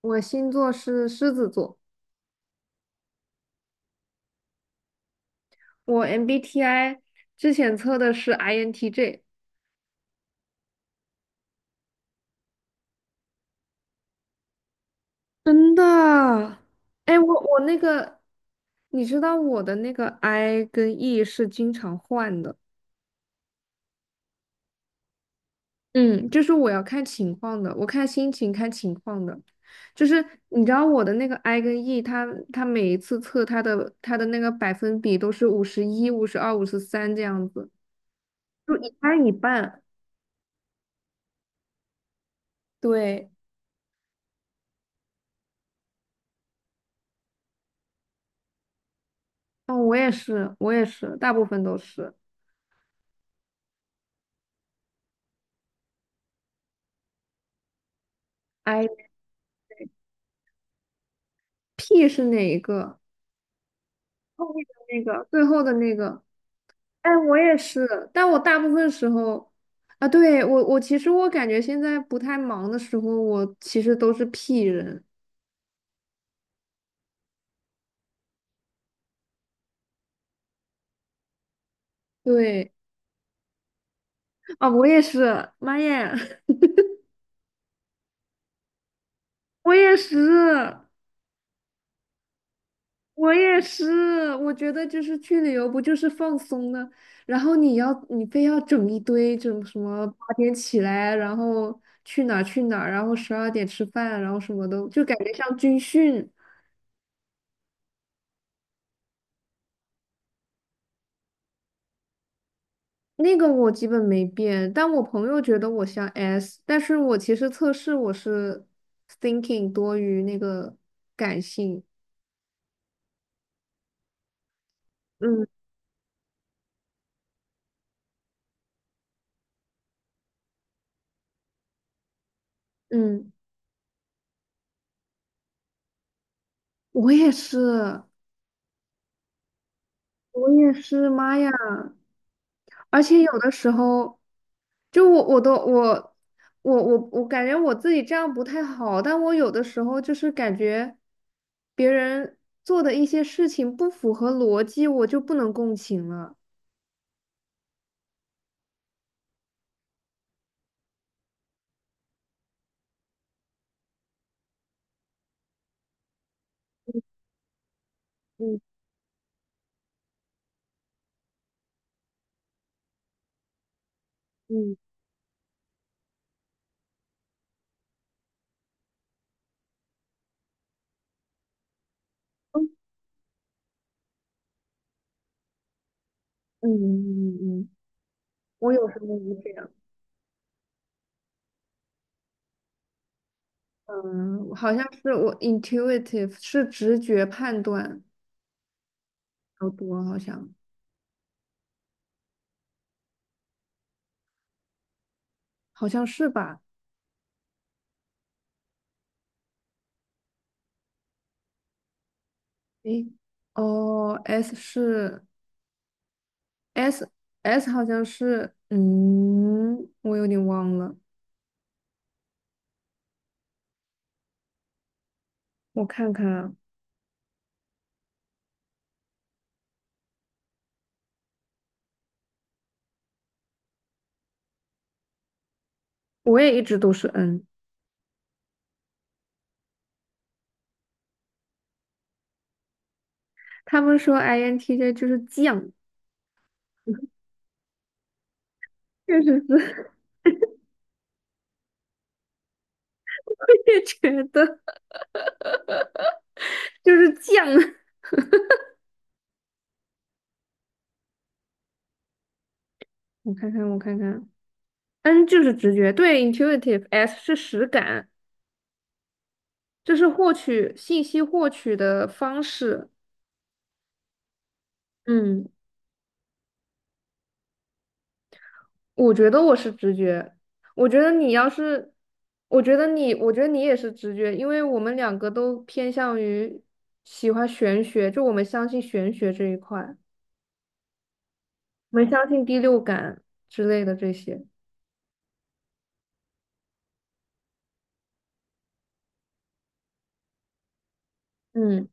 我星座是狮子座，我 MBTI 之前测的是 INTJ。真的？哎，我那个，你知道我的那个 I 跟 E 是经常换的。嗯，就是我要看情况的，我看心情看情况的，就是你知道我的那个 I 跟 E，它每一次测它的那个百分比都是51、52、53这样子，就一半一半。对，哦，我也是，我也是，大部分都是。IP 是哪一个？后面的那个，最后的那个。哎，我也是，但我大部分时候，啊，对，我其实我感觉现在不太忙的时候，我其实都是 P 人。对，啊，我也是，妈耶，我也是，我也是，我觉得就是去旅游不就是放松呢？然后你非要整一堆，整什么8点起来，然后去哪儿去哪儿，然后12点吃饭，然后什么的，就感觉像军训。那个我基本没变，但我朋友觉得我像 S，但是我其实测试我是 thinking 多于那个感性。嗯嗯，我也是，我也是，妈呀！而且有的时候，就我我都我我我我感觉我自己这样不太好，但我有的时候就是感觉别人做的一些事情不符合逻辑，我就不能共情了。嗯嗯嗯嗯嗯嗯嗯。我有时候也这样。嗯，好像是我 intuitive 是直觉判断较多，好像是吧？诶，哦，S 是 S S 好像是，嗯，我有点忘了，我看看啊。我也一直都是 N。他们说 INTJ 就是犟，确实是，我也觉得就是犟。我看看，我看看，N 就是直觉，对，intuitive，S 是实感。就是获取信息获取的方式。嗯我觉得我是直觉，我觉得你要是，我觉得你也是直觉，因为我们两个都偏向于喜欢玄学，就我们相信玄学这一块，我们相信第六感之类的这些。嗯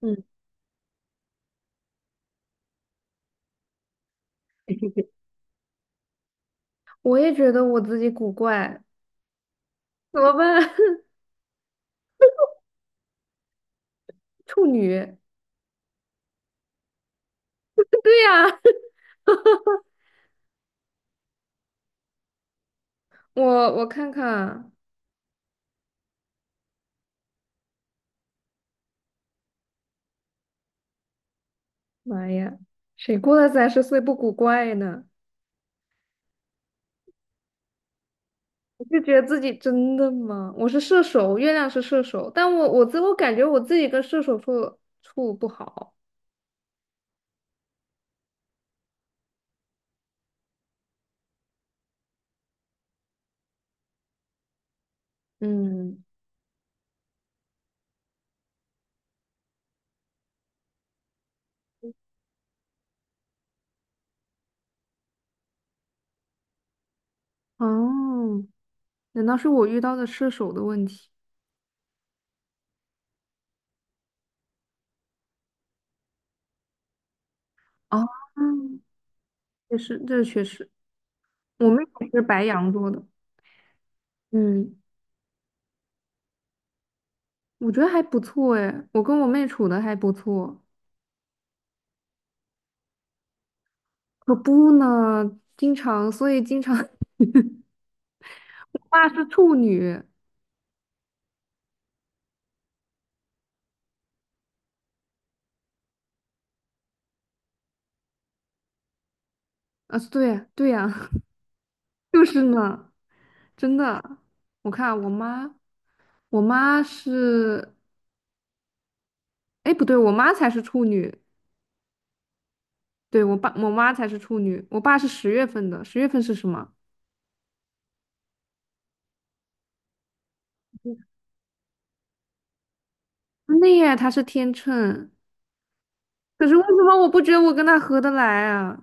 嗯，我也觉得我自己古怪，怎么办？处女，对呀，我我看看啊。妈呀，谁过了30岁不古怪呢？我就觉得自己真的吗？我是射手，月亮是射手，但我自我感觉我自己跟射手处处不好。嗯，哦，难道是我遇到的射手的问题？哦，也是，这确实，我妹也是白羊座的。嗯，我觉得还不错哎，我跟我妹处的还不错。可不呢，经常，所以经常，我爸是处女啊，对呀，对呀，就是呢。真的，我看我妈，我妈是，哎，不对，我妈才是处女，对，我爸，我妈才是处女，我爸是十月份的，十月份是什么？真的耶，他是天秤，可是为什么我不觉得我跟他合得来啊？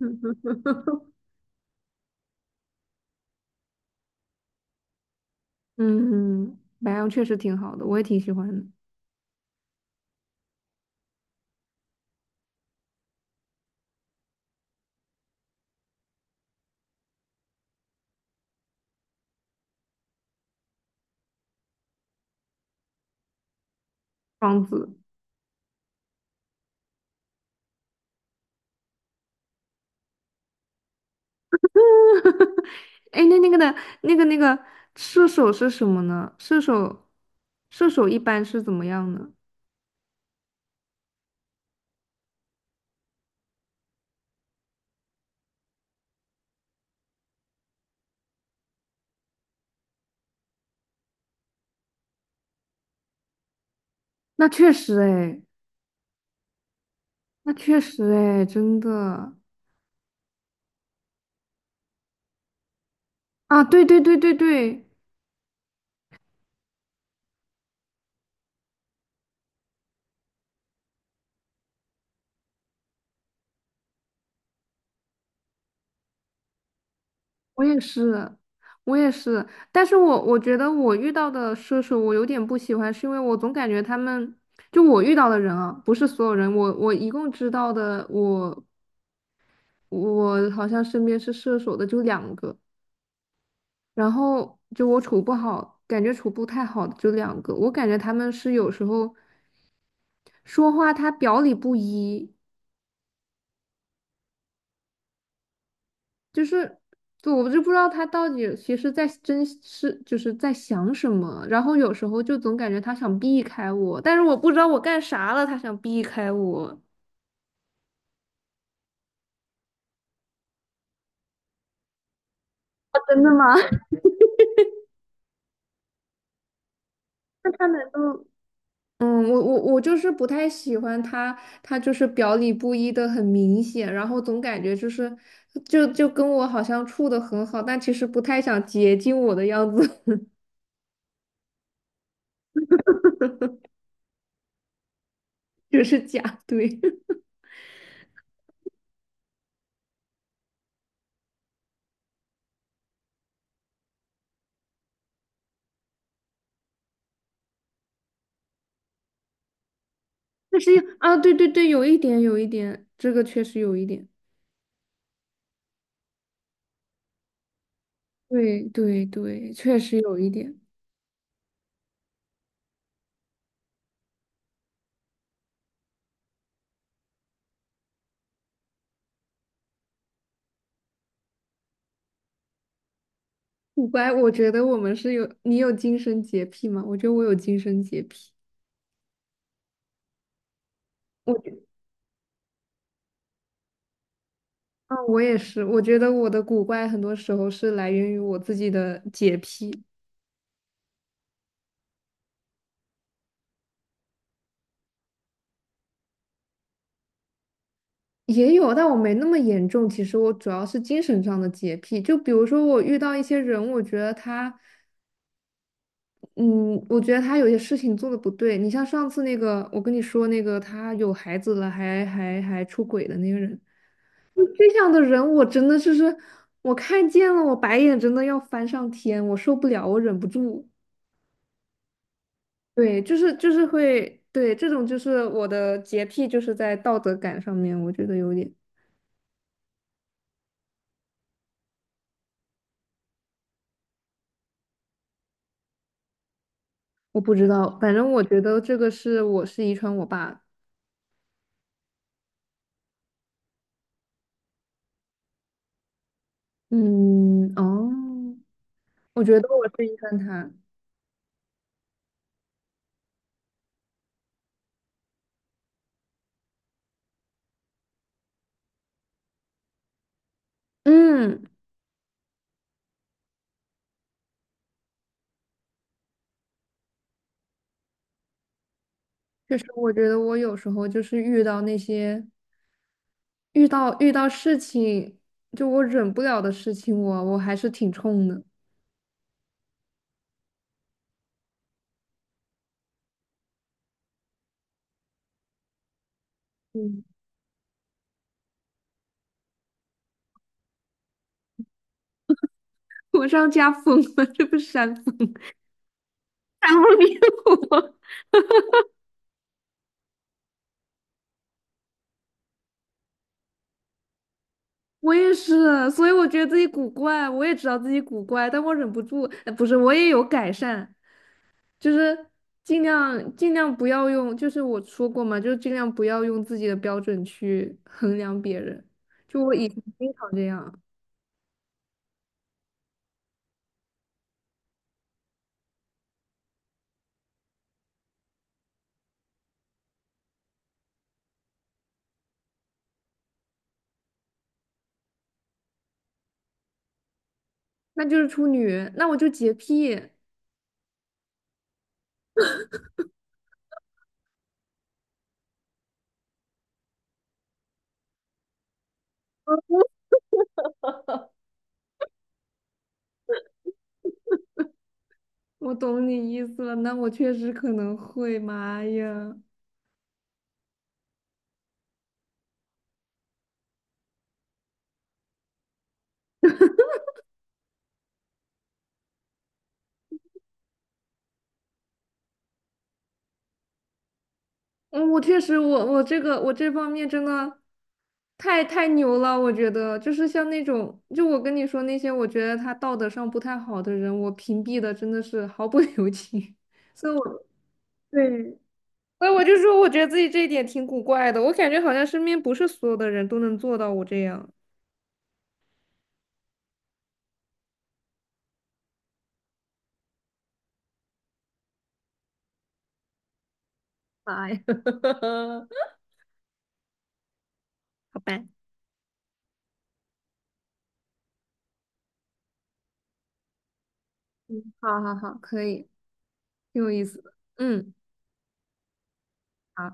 嗯，白羊确实挺好的，我也挺喜欢的。双子，哎，那那个的，那个那个射手是什么呢？射手，射手一般是怎么样呢？那确实，哎，那确实，哎，真的。啊，对对对对对，我也是，我也是，但是我觉得我遇到的射手我有点不喜欢，是因为我总感觉他们，就我遇到的人啊，不是所有人，我一共知道的，我好像身边是射手的就两个，然后就我处不好，感觉处不太好的就两个，我感觉他们是有时候说话他表里不一，就是就我就不知道他到底其实在真是就是在想什么，然后有时候就总感觉他想避开我，但是我不知道我干啥了，他想避开我。真的吗？那他难道？嗯，我就是不太喜欢他，他就是表里不一的很明显，然后总感觉就是就跟我好像处的很好，但其实不太想接近我的样子，就是假对。但是啊，对对对，有一点有一点，这个确实有一点。对对对，确实有一点。古怪。我觉得我们是有，你有精神洁癖吗？我觉得我有精神洁癖。我觉，啊，我也是。我觉得我的古怪很多时候是来源于我自己的洁癖，也有，但我没那么严重。其实我主要是精神上的洁癖，就比如说我遇到一些人，我觉得他有些事情做的不对。你像上次那个，我跟你说那个，他有孩子了，还出轨的那个人。这样的人，我真的就是我看见了，我白眼真的要翻上天，我受不了，我忍不住。对，就是会，对，这种就是我的洁癖，就是在道德感上面，我觉得有点，我不知道，反正我觉得这个是我是遗传我爸。嗯，哦，我觉得我是遗传他。嗯，就是我觉得我有时候就是遇到那些遇到事情，就我忍不了的事情我还是挺冲的。嗯我上家疯了，这不是山峰，山峰比我。我也是，所以我觉得自己古怪，我也知道自己古怪，但我忍不住，不是，我也有改善，就是尽量不要用，就是我说过嘛，就是尽量不要用自己的标准去衡量别人。就我以前经常这样，那就是处女，那我就洁癖。我懂你意思了，那我确实可能会，妈呀！嗯，我确实，我这个我这方面真的太牛了，我觉得就是像那种，就我跟你说那些，我觉得他道德上不太好的人，我屏蔽的真的是毫不 留情，所以我对，所以我就说，我觉得自己这一点挺古怪的，我感觉好像身边不是所有的人都能做到我这样。哎，好吧，嗯，好好好，可以，挺有意思的，嗯。好。